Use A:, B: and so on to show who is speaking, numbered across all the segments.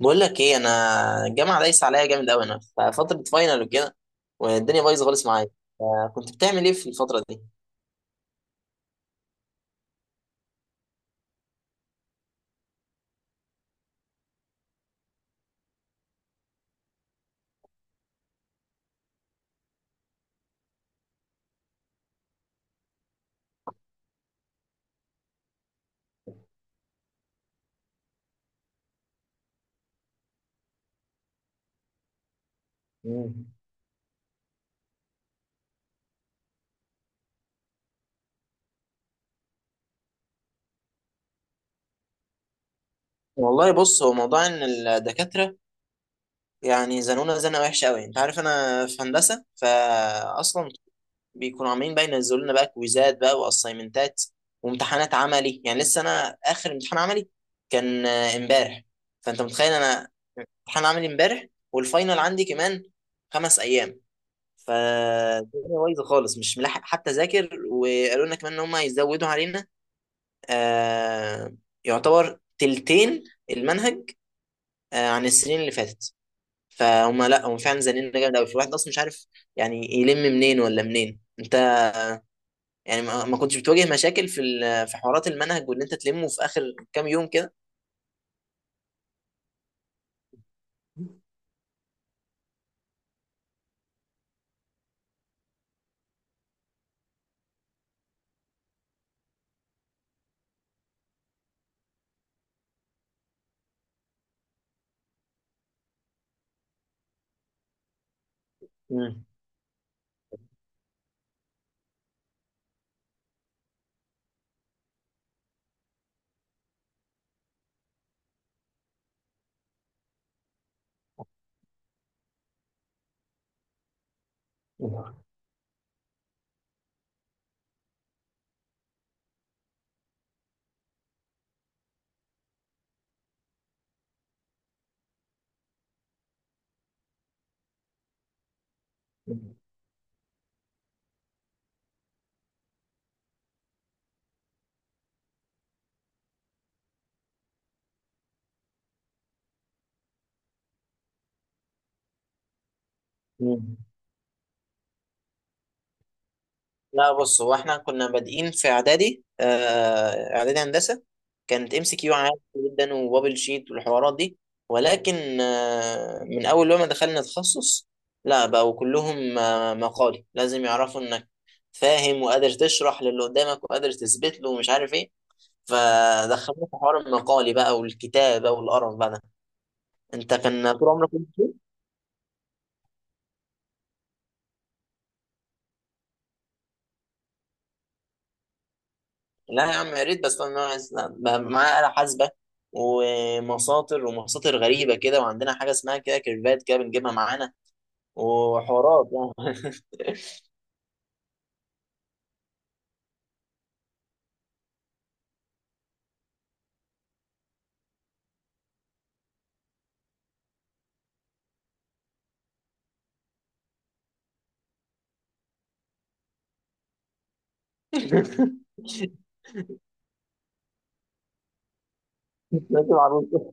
A: بقول لك ايه انا. الجامعه دايسه عليا جامد قوي، انا في فتره فاينل وكده، والدنيا بايظه خالص معايا. كنت بتعمل ايه في الفتره دي؟ مم. والله بص، هو موضوع ان الدكاتره يعني زنونا زنه وحشه قوي، انت عارف انا في هندسه فاصلا. بيكونوا عمالين بقى ينزلوا لنا بقى كويزات بقى واسايمنتات وامتحانات عملي، يعني لسه انا اخر امتحان عملي كان امبارح. فانت متخيل، انا امتحان عملي امبارح والفاينل عندي كمان 5 ايام، فالدنيا بايظه خالص، مش ملاحق حتى اذاكر. وقالوا لنا كمان ان هم هيزودوا علينا، آه يعتبر تلتين المنهج عن السنين اللي فاتت. فهم لا، هم فعلا زنقنا جامد قوي، الواحد اصلا مش عارف يعني يلم منين ولا منين. انت يعني ما كنتش بتواجه مشاكل في في حوارات المنهج، وان انت تلمه في اخر كام يوم كده؟ مم. مم. لا بص، هو احنا كنا بادئين في اعدادي، اعدادي هندسه، كانت ام سي كيو عادي جدا وبابل شيت والحوارات دي. ولكن من اول لما دخلنا تخصص، لا، بقوا كلهم مقالي، لازم يعرفوا انك فاهم وقادر تشرح للي قدامك وقادر تثبت له ومش عارف ايه. فدخلنا في حوار المقالي بقى والكتابه والقرف بقى ده، انت كان طول عمرك. لا يا عم، يا ريت، بس انا بقى معايا آلة حاسبة ومساطر ومساطر غريبة كده، وعندنا حاجة اسمها كده كيرفات كده بنجيبها معانا وحوارات يعني. لازم عروسة.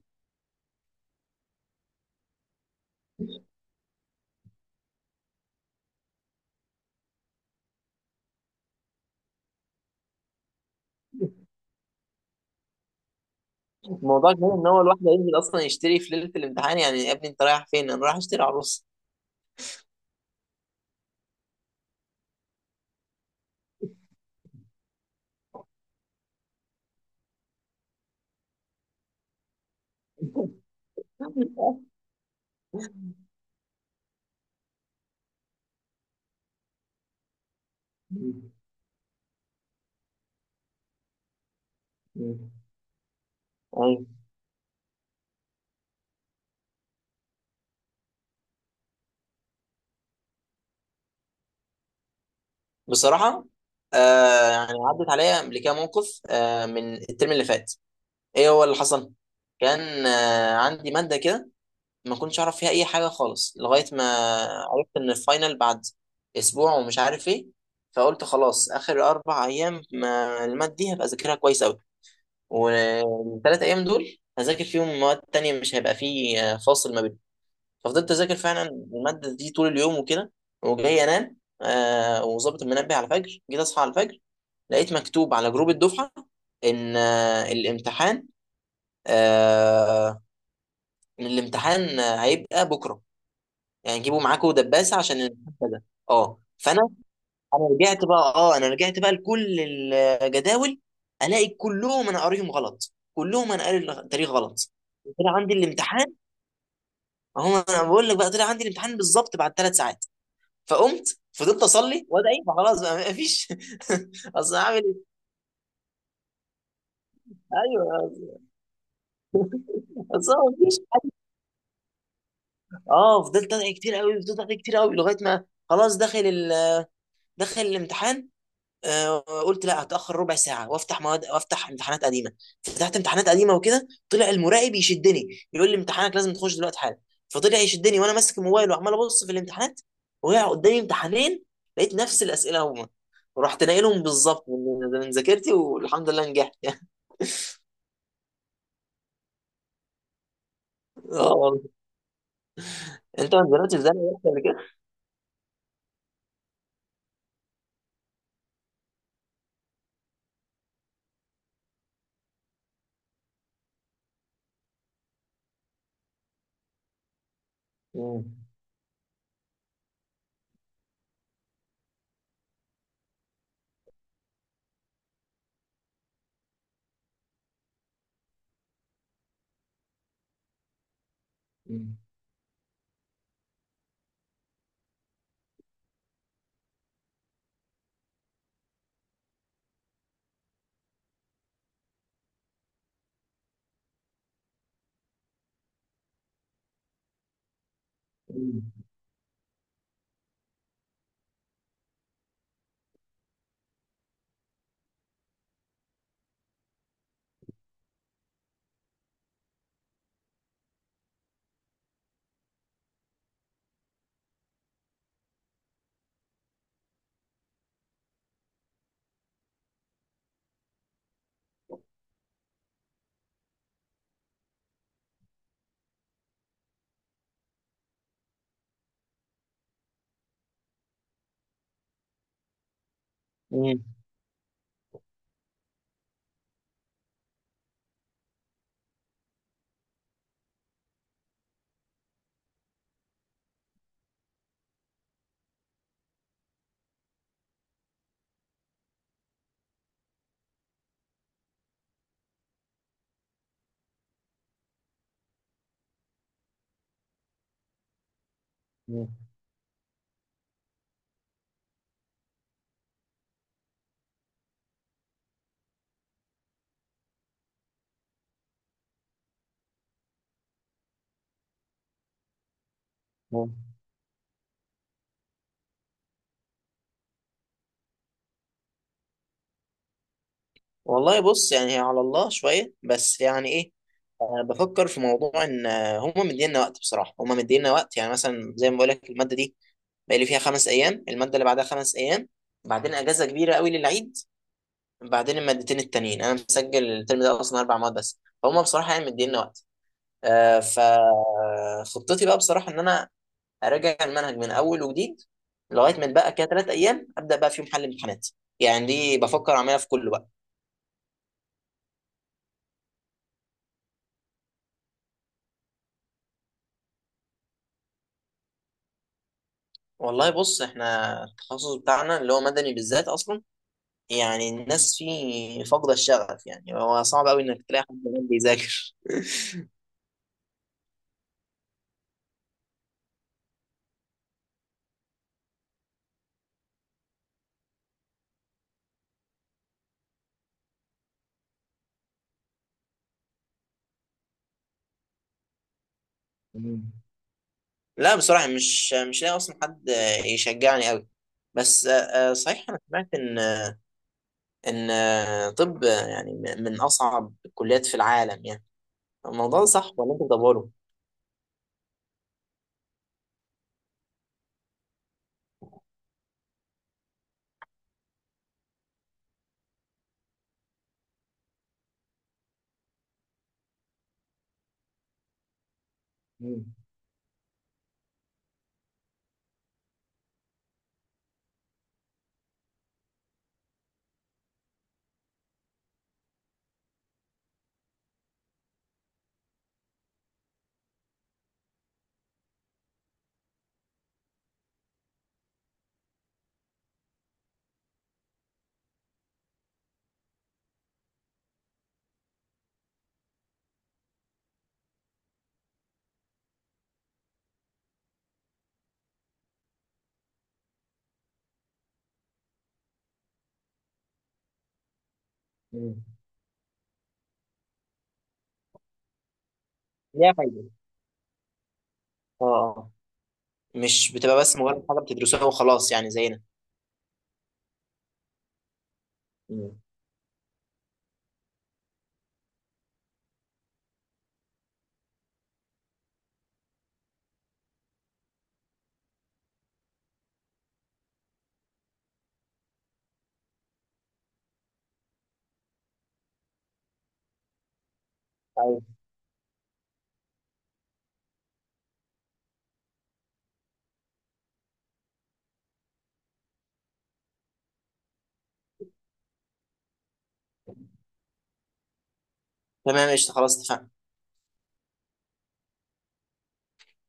A: الموضوع كمان ان هو الواحد هينزل اصلا يشتري في ليلة الامتحان، يعني يا ابني انت رايح فين؟ انا رايح اشتري عروسة. أيوة. بصراحة، يعني عدت عليا قبل كده موقف من الترم اللي فات. ايه هو اللي حصل؟ كان عندي مادة كده ما كنتش اعرف فيها اي حاجه خالص، لغايه ما عرفت ان الفاينل بعد اسبوع ومش عارف ايه. فقلت خلاص، اخر 4 ايام ما المادة دي هبقى اذاكرها كويس قوي، والثلاث ايام دول هذاكر فيهم مواد تانية، مش هيبقى فيه فاصل ما بينهم. ففضلت اذاكر فعلا الماده دي طول اليوم وكده وجاي انام، وظابط المنبه على الفجر. جيت اصحى على الفجر، لقيت مكتوب على جروب الدفعه ان آه الامتحان آه إن الامتحان هيبقى بكره، يعني جيبوا معاكوا دباسه عشان الامتحان كذا. اه فانا انا رجعت بقى اه انا رجعت بقى لكل الجداول، الاقي كلهم انا قاريهم غلط، كلهم انا قاري التاريخ غلط. طلع عندي الامتحان، اهو انا بقول لك بقى، طلع عندي الامتحان بالظبط بعد 3 ساعات. فقمت فضلت اصلي وادعي، ما خلاص بقى ما فيش. اصل هعمل ايه. ايوه. اصل ما فيش حاجه. اه فضلت ادعي كتير قوي، فضلت ادعي كتير قوي لغايه ما خلاص داخل الامتحان. قلت لا هتاخر ربع ساعه وافتح مواد وافتح امتحانات قديمه. فتحت امتحانات قديمه وكده، طلع المراقب يشدني، بيقول لي امتحانك لازم تخش دلوقتي حالا. فطلع يشدني وانا ماسك الموبايل وعمال ابص في الامتحانات، وقع قدامي امتحانين، لقيت نفس الاسئله هما، ورحت ناقلهم بالظبط من ذاكرتي، والحمد لله نجحت يعني. اه والله. انت ما نزلتش زي ما قبل كده. مم. مم. مم. مم. والله بص، يعني هي على الله شوية، بس يعني إيه، أنا بفكر في موضوع، إن هما مدينا وقت بصراحة، هما مدينا وقت، يعني مثلا زي ما بقول لك، المادة دي بقالي فيها 5 أيام، المادة اللي بعدها 5 أيام، بعدين أجازة كبيرة قوي للعيد، بعدين المادتين التانيين، أنا مسجل الترم ده أصلا أربع مواد بس، فهم بصراحة يعني مدينا وقت. فخطتي بقى بصراحة إن أنا أراجع المنهج من أول وجديد، لغاية ما بقى كده 3 أيام أبدأ بقى فيهم حل امتحانات، يعني دي بفكر أعملها في كله. والله بص، احنا التخصص بتاعنا اللي هو مدني بالذات اصلا يعني الناس فيه فاقده الشغف، يعني هو صعب قوي انك تلاقي حد كمان بيذاكر. مم. لا بصراحه، مش لاقي اصلا حد يشجعني قوي. بس صحيح انا سمعت ان طب يعني من اصعب الكليات في العالم يعني، الموضوع ده صح ولا انت بتدوره؟ مم. مم. ليها فايدة. اه آه. مش بتبقى بس مجرد حاجه بتدرسوها وخلاص يعني زينا. مم. أيوة. تمام، قشطه، خلاص اتفقنا.